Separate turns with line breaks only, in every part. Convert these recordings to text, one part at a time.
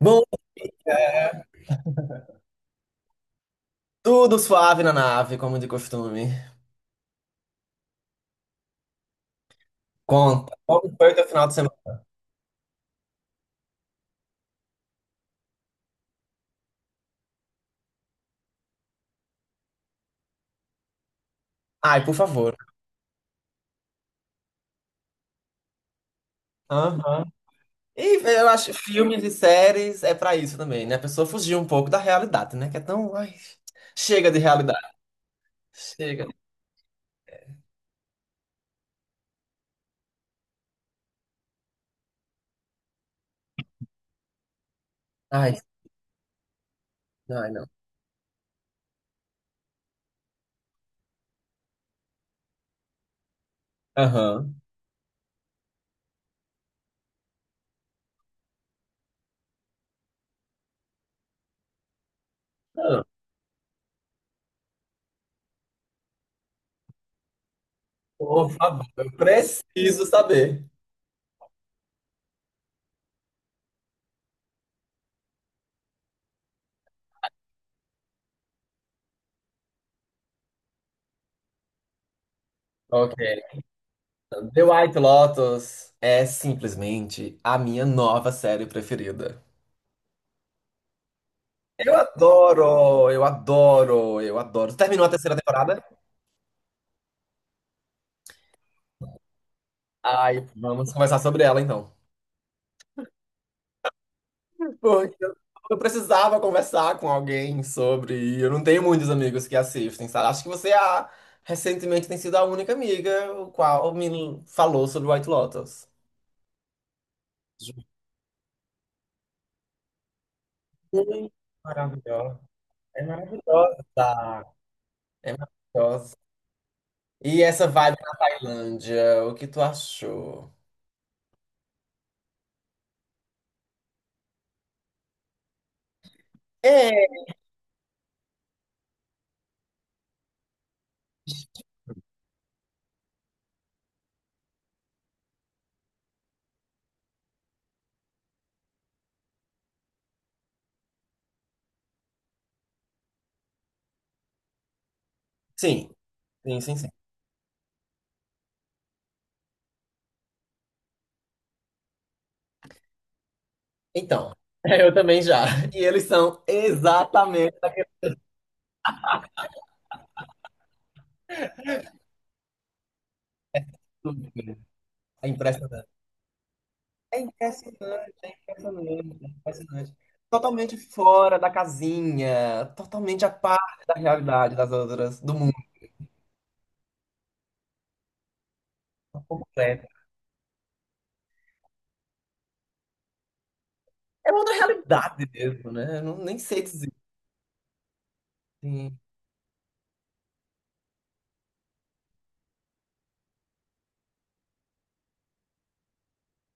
Bom, cara, tudo suave na nave, como de costume. Conta, como foi o teu final de semana? Ai, por favor. Aham. E eu acho que filmes e séries é pra isso também, né? A pessoa fugir um pouco da realidade, né? Que é tão. Ai, chega de realidade. Chega. Ai, ai, não. Aham. Não, por favor, eu preciso saber. Ok. The White Lotus é simplesmente a minha nova série preferida. Eu adoro, eu adoro, eu adoro. Terminou a terceira temporada? Ai, vamos conversar sobre ela então. Porque eu precisava conversar com alguém sobre. E eu não tenho muitos amigos que assistem, sabe? Acho que você recentemente tem sido a única amiga o qual me falou sobre White Lotus. Gente, maravilhosa. É maravilhosa. É maravilhosa. E essa vibe na Tailândia, o que tu achou? É, sim, sim, sim, sim. Então, eu também já. E eles são exatamente daquilo. É impressionante. É impressionante, é impressionante, é impressionante. Totalmente fora da casinha, totalmente à parte da realidade das outras, do mundo por completo. É outra realidade mesmo, né? Eu não, nem sei dizer. Sim.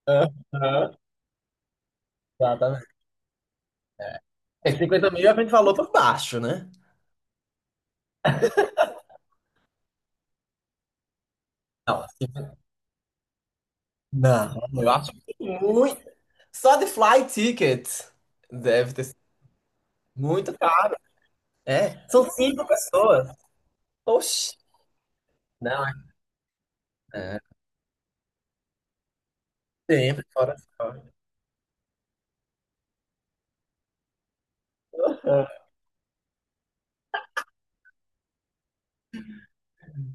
Aham, exatamente. É, 50 mil a gente falou por baixo, né? Não, assim, não, eu acho que muito. Só de flight ticket deve ter sido muito caro. É, são 5 pessoas. Oxi. Não, é, sempre fora só.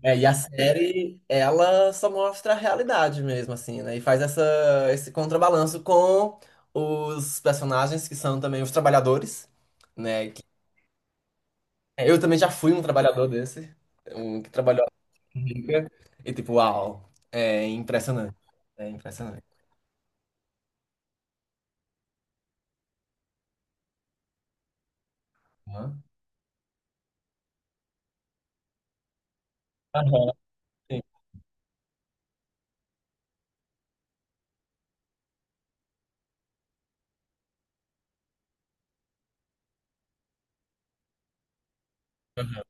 É, e a série, ela só mostra a realidade mesmo, assim, né? E faz essa, esse contrabalanço com os personagens que são também os trabalhadores, né? É, eu também já fui um trabalhador desse, um que trabalhou a bica, e tipo, uau, é impressionante. É impressionante. Aham. Aham, sim. Aham.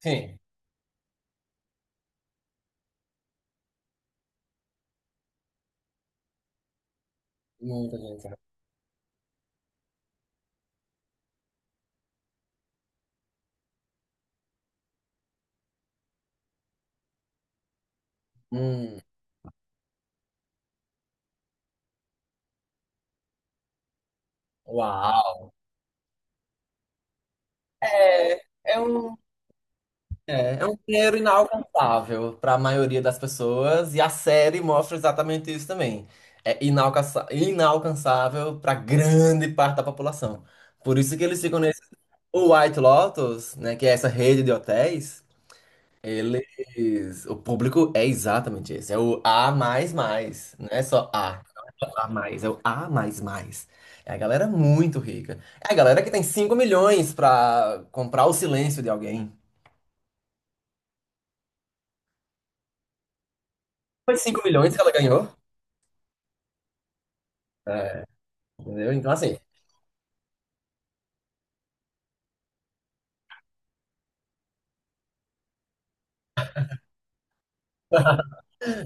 Sim. Muita gente, né? Hum, uau. É, é um. É, é um dinheiro inalcançável para a maioria das pessoas, e a série mostra exatamente isso também. É inalcançável para grande parte da população. Por isso que eles ficam nesse o White Lotus, né, que é essa rede de hotéis, eles, o público é exatamente esse, é o A mais mais, não é só A, não é só A mais, é o A mais mais. É a galera muito rica. É a galera que tem 5 milhões para comprar o silêncio de alguém. Foi 5 milhões que ela ganhou? É, entendeu? Então, assim,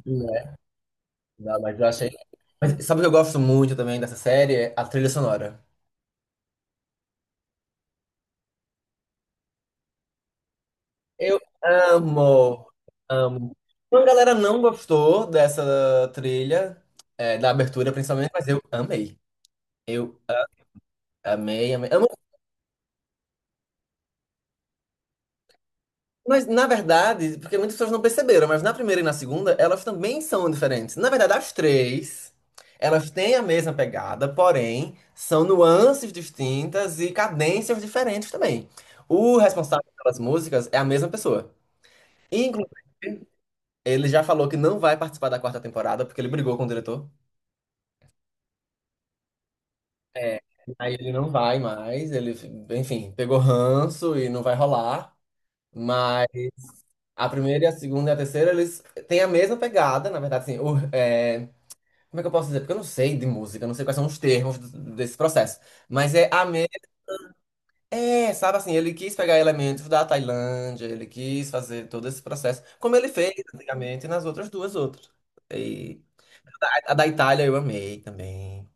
né? Não, mas eu achei. Mas sabe o que eu gosto muito também dessa série? É a trilha sonora. Eu amo, amo. Uma galera não gostou dessa trilha, é, da abertura principalmente, mas eu amei. Eu amei, amei. Eu não Mas, na verdade, porque muitas pessoas não perceberam, mas na primeira e na segunda, elas também são diferentes. Na verdade, as três, elas têm a mesma pegada, porém, são nuances distintas e cadências diferentes também. O responsável pelas músicas é a mesma pessoa. Inclusive, ele já falou que não vai participar da quarta temporada, porque ele brigou com o diretor. É. Aí ele não vai mais, ele, enfim, pegou ranço e não vai rolar. Mas a primeira e a segunda e a terceira, eles têm a mesma pegada, na verdade, assim, é, como é que eu posso dizer? Porque eu não sei de música, eu não sei quais são os termos desse processo. Mas é a mesma. É, sabe assim, ele quis pegar elementos da Tailândia, ele quis fazer todo esse processo, como ele fez antigamente nas outras duas outras. E a da Itália eu amei também.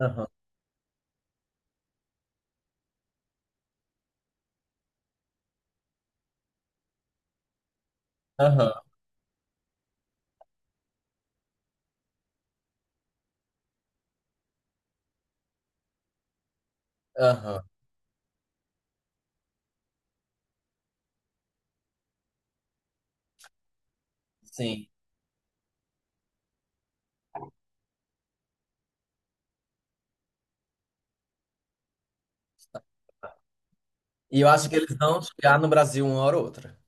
Aham, aham, aham, sim. E eu acho que eles vão chegar no Brasil uma hora ou outra.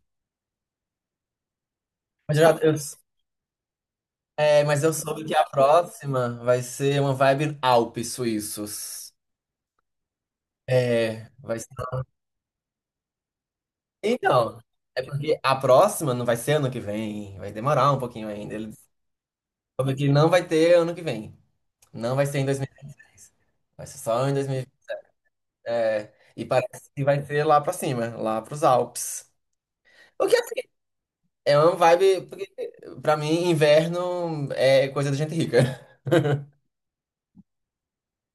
Mas eu já, eu É, mas eu soube que a próxima vai ser uma vibe Alpes suíços. É, vai ser. Então, é porque a próxima não vai ser ano que vem, vai demorar um pouquinho ainda. Ele soube que não vai ter ano que vem. Não vai ser em 2026. Vai ser só em 2020. É, e parece que vai ser lá pra cima, lá pros Alpes. O que assim, é uma vibe, porque pra mim inverno é coisa de gente rica.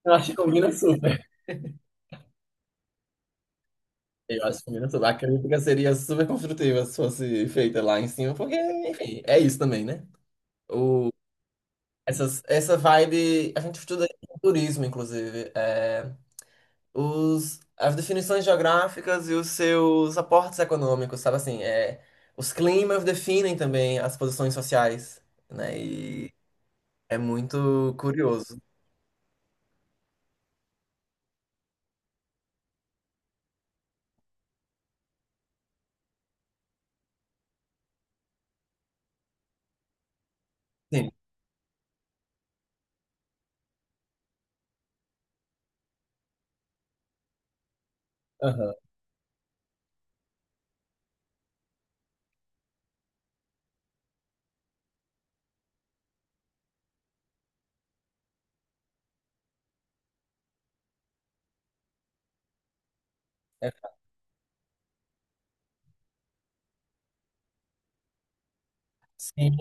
Eu acho que combina super. Eu acho que minha lá, a crítica seria super construtiva se fosse feita lá em cima, porque, enfim, é isso também, né? O, essas, essa vibe, a gente estuda em turismo, inclusive, é, os, as definições geográficas e os seus aportes econômicos, sabe assim, é, os climas definem também as posições sociais, né? E é muito curioso. Sim, aham. É, sim,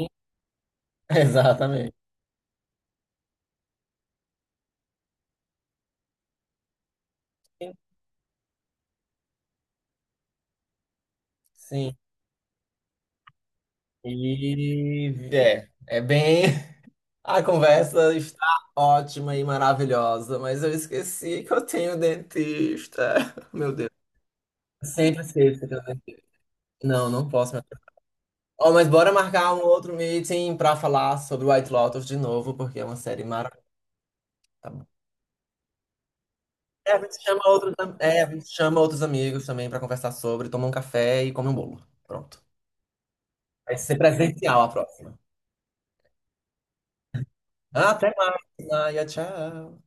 exatamente. Sim, e é, é bem. A conversa está ótima e maravilhosa, mas eu esqueci que eu tenho dentista. Meu Deus. Sempre esqueço que eu dentista. Não, não posso me atrasar. Oh, mas bora marcar um outro meeting pra falar sobre White Lotus de novo, porque é uma série maravilhosa. Tá bom? É, a gente chama outros, é, a gente chama outros amigos também pra conversar sobre, toma um café e come um bolo. Pronto. Vai ser presencial a próxima. Até mais, Maia. Tchau.